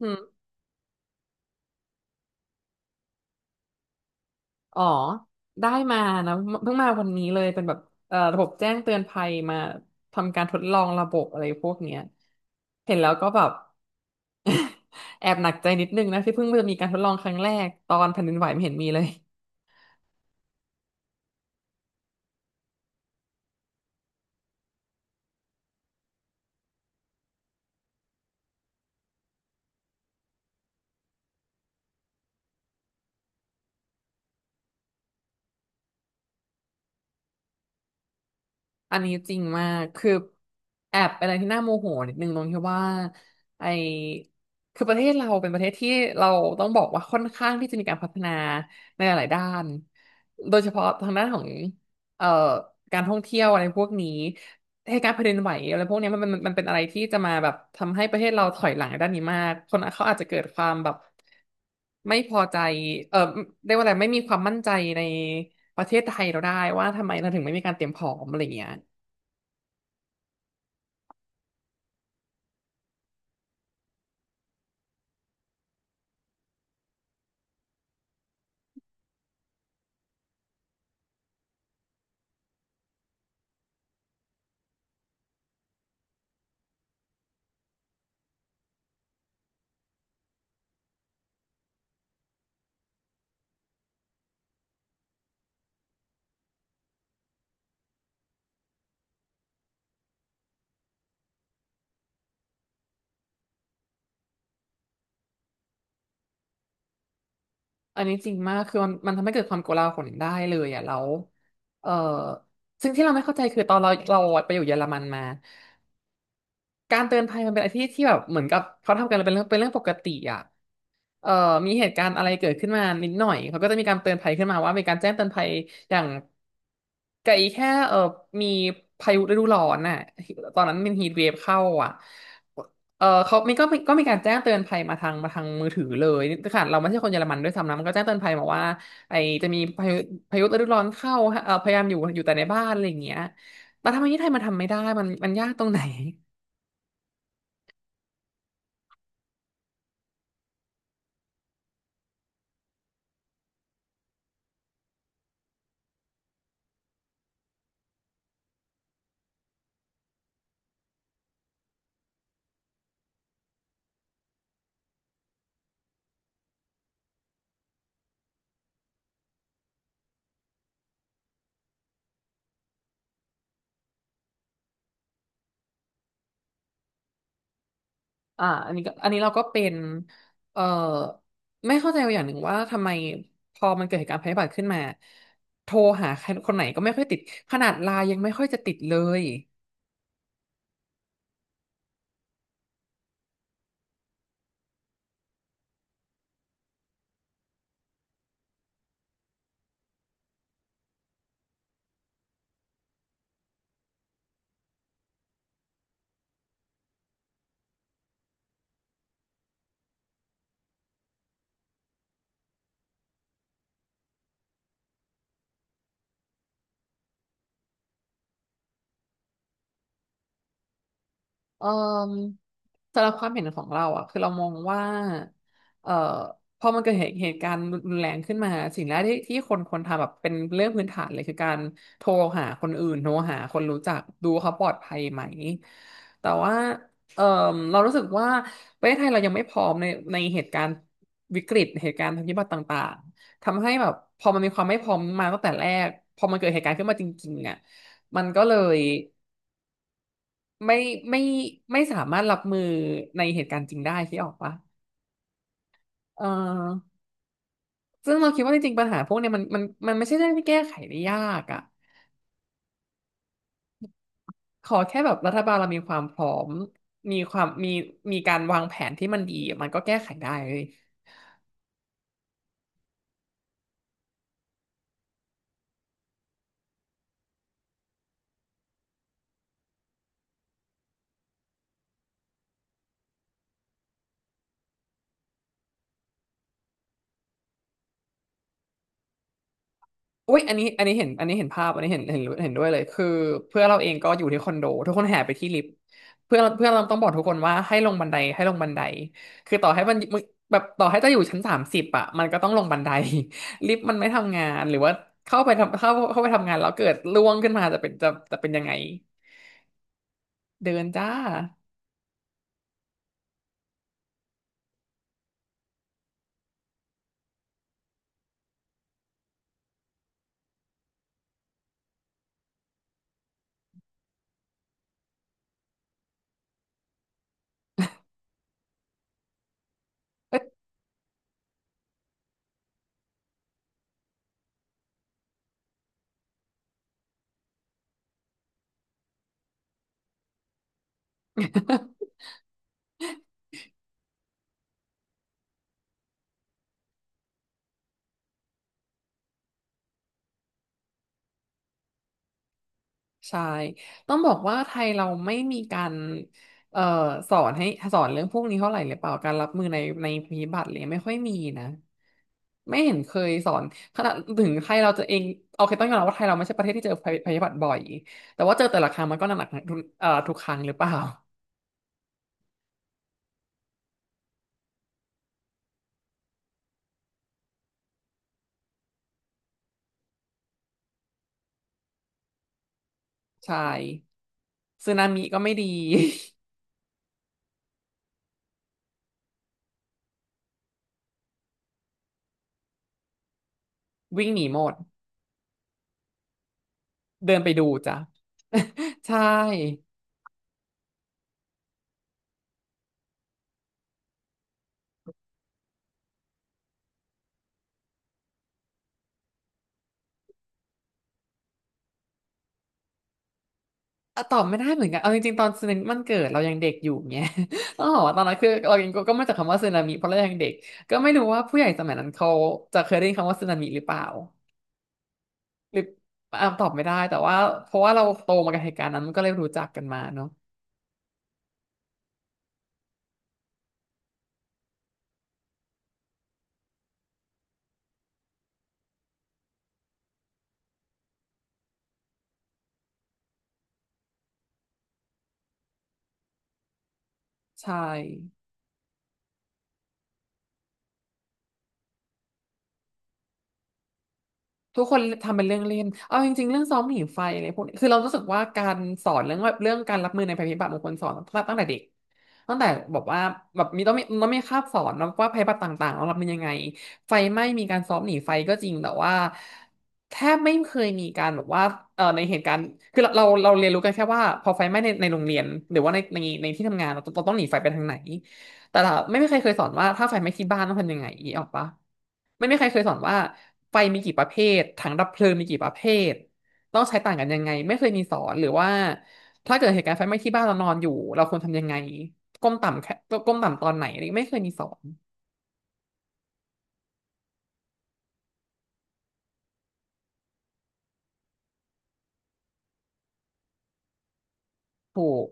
อืมอ๋อได้มานะเพิ่งมาวันนี้เลยเป็นแบบระบบแจ้งเตือนภัยมาทำการทดลองระบบอะไรพวกเนี้ยเห็นแล้วก็แบบแอบหนักใจนิดนึงนะที่เพิ่งจะมีการทดลองครั้งแรกตอนแผ่นดินไหวไม่เห็นมีเลยอันนี้จริงมากคือแอบเป็นอะไรที่น่าโมโหนิดนึงตรงที่ว่าไอคือประเทศเราเป็นประเทศที่เราต้องบอกว่าค่อนข้างที่จะมีการพัฒนาในหลายๆด้านโดยเฉพาะทางด้านของเอ่อการท่องเที่ยวอะไรพวกนี้ เหตุการณ์แผ่นดินไหวอะไรพวกเนี้ยมันเป็นอะไรที่จะมาแบบทำให้ประเทศเราถอยหลังในด้านนี้มากคนเขาอาจจะเกิดความแบบไม่พอใจเออเรียกว่าอะไรไม่มีความมั่นใจในประเทศไทยเราได้ว่าทำไมเราถึงไม่มีการเตรียมพร้อมอะไรเงี้ยอันนี้จริงมากคือมันทำให้เกิดความโกลาหลได้เลยอ่ะแล้วเออซึ่งที่เราไม่เข้าใจคือตอนเราไปอยู่เยอรมันมาการเตือนภัยมันเป็นอะไรที่แบบเหมือนกับเขาทำกันเป็นเรื่องปกติอ่ะ เอ่อมีเหตุการณ์อะไรเกิดขึ้นมานิดหน่อย เขาก็จะมีการเตือนภัยขึ้นมาว่ามีการแจ้งเตือนภัยอย่างไกลแค่มีพายุฤดูร้อนน่ะตอนนั้นมันฮีทเวฟเข้าอ่ะเออเขามีก็มีก็มีการแจ้งเตือนภัยมาทางมาทางมือถือเลยขนาดเราไม่ใช่คนเยอรมันด้วยซ้ำนะมันก็แจ้งเตือนภัยมาว่าไอจะมีพายุพายุฤดูร้อนเข้าฮะเออพยายามอยู่แต่ในบ้านอะไรอย่างเงี้ยแต่ทำไมที่ไทยมันทำไม่ได้มันยากตรงไหน อ่าอันนี้เราก็เป็นเอ่อไม่เข้าใจอย่างหนึ่งว่าทำไมพอมันเกิดเหตุการณ์ภัยพิบัติขึ้นมาโทรหาใครคนไหนก็ไม่ค่อยติดขนาดไลน์ยังไม่ค่อยจะติดเลย เอ่อสำหรับความเห็นของเราอ่ะคือเรามองว่าเอ่อพอมันเกิดเหตุการณ์รุนแรงขึ้นมาสิ่งแรกที่คนควรทำแบบเป็นเรื่องพื้นฐานเลยคือการโทรหาคนอื่นโทรหาคนรู้จักดูเขาปลอดภัยไหมแต่ว่าเอ่อเรารู้สึกว่าประเทศไทยเรายังไม่พร้อมในเหตุการณ์วิกฤตเหตุการณ์ทางพิบัติต่างๆทำให้แบบพอมันมีความไม่พร้อมมาตั้งแต่แรกพอมันเกิดเหตุการณ์ขึ้นมาจริงๆอ่ะมันก็เลย ไม่ไม่ไม่สามารถรับมือในเหตุการณ์จริงได้ที่ออกปะเออซึ่งเราคิดว่าจริงๆปัญหาพวกเนี้ยมันไม่ใช่เรื่องที่แก้ไขได้ยากอ่ะขอแค่แบบรัฐบาลเรามีความพร้อมมีความมีมีการวางแผนที่มันดีมันก็แก้ไขได้เลย อุ้ยอันนี้อันนี้เห็นอันนี้เห็นภาพอันนี้เห็นเห็นเห็นด้วยเลยคือเพื่อนเราเองก็อยู่ที่คอนโดทุกคนแห่ไปที่ลิฟต์เพื่อนเพื่อนเราต้องบอกทุกคนว่าให้ลงบันไดคือต่อให้มันมึงแบบต่อให้จะอยู่ชั้นสามสิบอ่ะมันก็ต้องลงบันได ลิฟต์มันไม่ทำงานหรือว่าเข้าไปทำงานแล้วเกิดร่วงขึ้นมาจะเป็นยังไงเดินจ้า ใช่ต้องบอกว่าไทยเราไม่มีการเอ่อสอนให้สอนเรื่องพวกนี้เท่าไหร่หรือเปล่าการรับมือในภัยพิบัติอะไรเลยไม่ค่อยมีนะไม่เห็นเคยสอนขนาดถึงไทยเราจะเองโอเคต้องยอมรับว่าไทยเราไม่ใช่ประเทศที่เจอภัยพิบัติบ่อยแต่ว่าเจอแต่ละครั้งมันก็หนักหนักทุกทุกครั้งหรือเปล่าใช่สึนามิก็ไม่ดี วิ่งหนีหมดเดินไปดูจ้ะ ใช่ ตอบไม่ได้เหมือนกันเอาจริงๆตอนสึนามิมันเกิดเรายังเด็กอยู่เงี้ย ต้องบอกว่าตอนนั้นคือเรายังก็มาจากคำว่าสึนามิเพราะเรายังเด็กก็ไม่รู้ว่าผู้ใหญ่สมัยนั้นเขาจะเคยได้ยินคำว่าสึนามิหรือเปล่าหรืออ่ะตอบไม่ได้แต่ว่าเพราะว่าเราโตมากับเหตุการณ์นั้นมันก็เลยรู้จักกันมาเนาะใช่ ทุกคนทำเป็นเรื่องเล่นเอาจริงๆเรื่องซ้อมหนีไฟอะไรพวกนี้คือเรารู้สึกว่าการสอนเรื่องแบบเรื่องการรับมือในภัยพิบัติบางคนสอนตั้งแต่เด็กตั้งแต่บอกว่าแบบมีต้องมีต้องมีคาบสอนนะว่าภัยพิบัติต่างๆเรารับมือยังไงไฟไหม้มีการซ้อมหนีไฟก็จริงแต่ว่าแทบไม่เคยมีการแบบว่าในเหตุการณ์คือเราเรียนรู้กันแค่ว่าพอไฟไหม้ในโรงเรียนหรือว่าในที่ทำงานเราต้องหนีไฟไปทางไหน แต่ละไม่มีใครเคยสอนว่าถ้าไฟไหม้ที่บ้านต้องทำยังไงอีออกปะไม่มีใครเคยสอนว่าไฟมีกี่ประเภทถังดับเพลิงมีกี่ประเภทต้องใช้ต่างกันยังไงไม่เคยมีสอนหรือว่าถ้าเกิดเหตุการณ์ไฟไหม้ที่บ้านเรานอนอยู่เราควรทำยังไงก้มต่ำแค่ก้มต่ำตอนไหนอะไรไม่เคยมีสอนถูก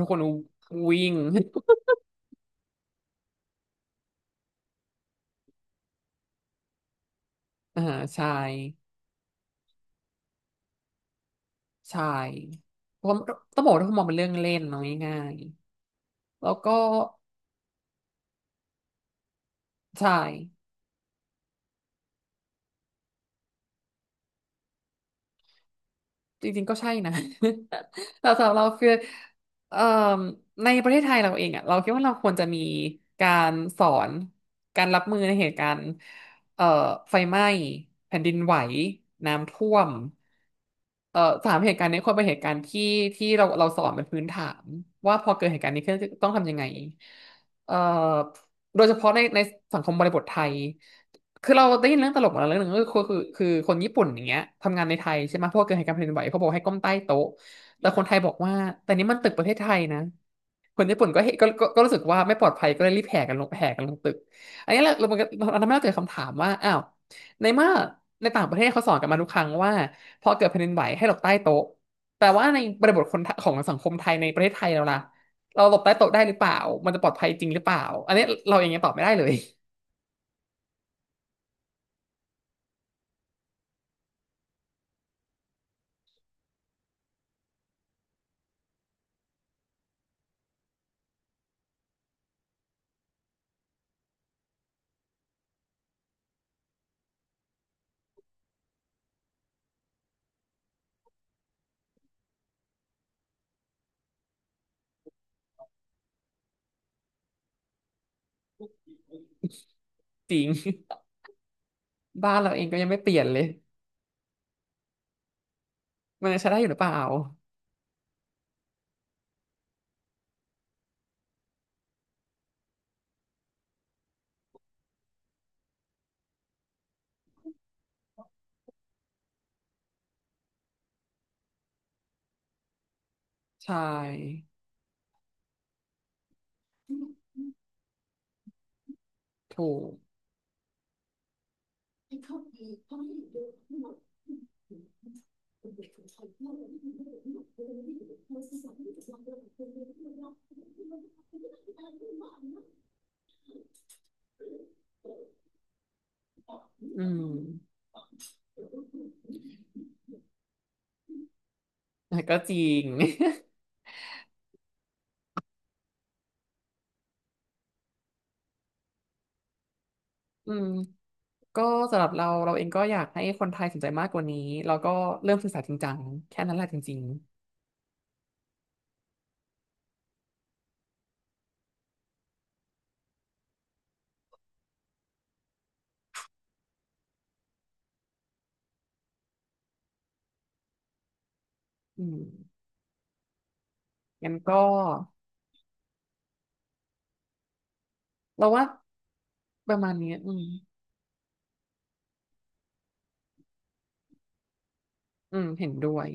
ทุกคนวิ่ง อ่าใช่ใช่ผมต้องบอกว่าทุกคนมองเป็นเรื่องเล่นเนาะง่ายๆแล้วก็ใช่ จริงๆก็ใช่นะ แต่สำหรับเราคือเอ่อในประเทศไทยเราเองอ่ะเราคิดว่าเราควรจะมีการสอนการรับมือในเหตุการณ์เอ่อไฟไหม้แผ่นดินไหวน้ำท่วมเอ่อสามเหตุการณ์นี้ควรเป็นเหตุการณ์ที่ที่เราสอนเป็นพื้นฐานว่าพอเกิดเหตุการณ์นี้ขึ้นต้องทำยังไงเอ่อโดยเฉพาะในสังคมบริบทไทย คือเราได้ยินเรื่องตลกมาแล้วเรื่องหนึงก็คือคือคนญี่ปุ่นอย่างเงี้ยทำงานในไทยใช่ไหมเพราะวกเกิดเหตุการณ์แผ่นดินไหวเขาบอกให้ก้มใต้โต๊ะแต่คนไทยบอกว่าแต่นี่มันตึกประเทศไทยนะคนญี่ปุ่นก็เห็นก็รู้สึกว่าไม่ปลอดภัยก็เลยรีบแห่กันลงแห่กันลงตึกอันนี้เรามันก็เราทำให้เราเกิดคำถามว่าอ้าวในเมื่อในต่างประเทศเขาสอนกันมาทุกครั้งว่าพอเกิดแผ่นดินไหวให้หลบใต้โต๊ะแต่ว่าในบริบทคนไทของสังคมไทยในประเทศไทยเราล่ะเราหลบใต้โต๊ะได้หรือเปล่ามันจะปลอดภัยจริงหรือเปล่าอันนี้เราเองยังตอบไม่ได้เลย จริง บ้านเราเองก็ยังไม่เปลี่ยนเลยมันจะใช้ได้อยู่หรือเปล่าใช่ถูกอืมแต่ก็จริง อืมก็สำหรับเราเราเองก็อยากให้คนไทยสนใจมากกว่านี้แล้วก็เริ่มศึกษาจริงจังแค่นั้นแหละจริงๆอืมงั้นก็เราว่าประมาณนี้อืมอืมเห็นด้วย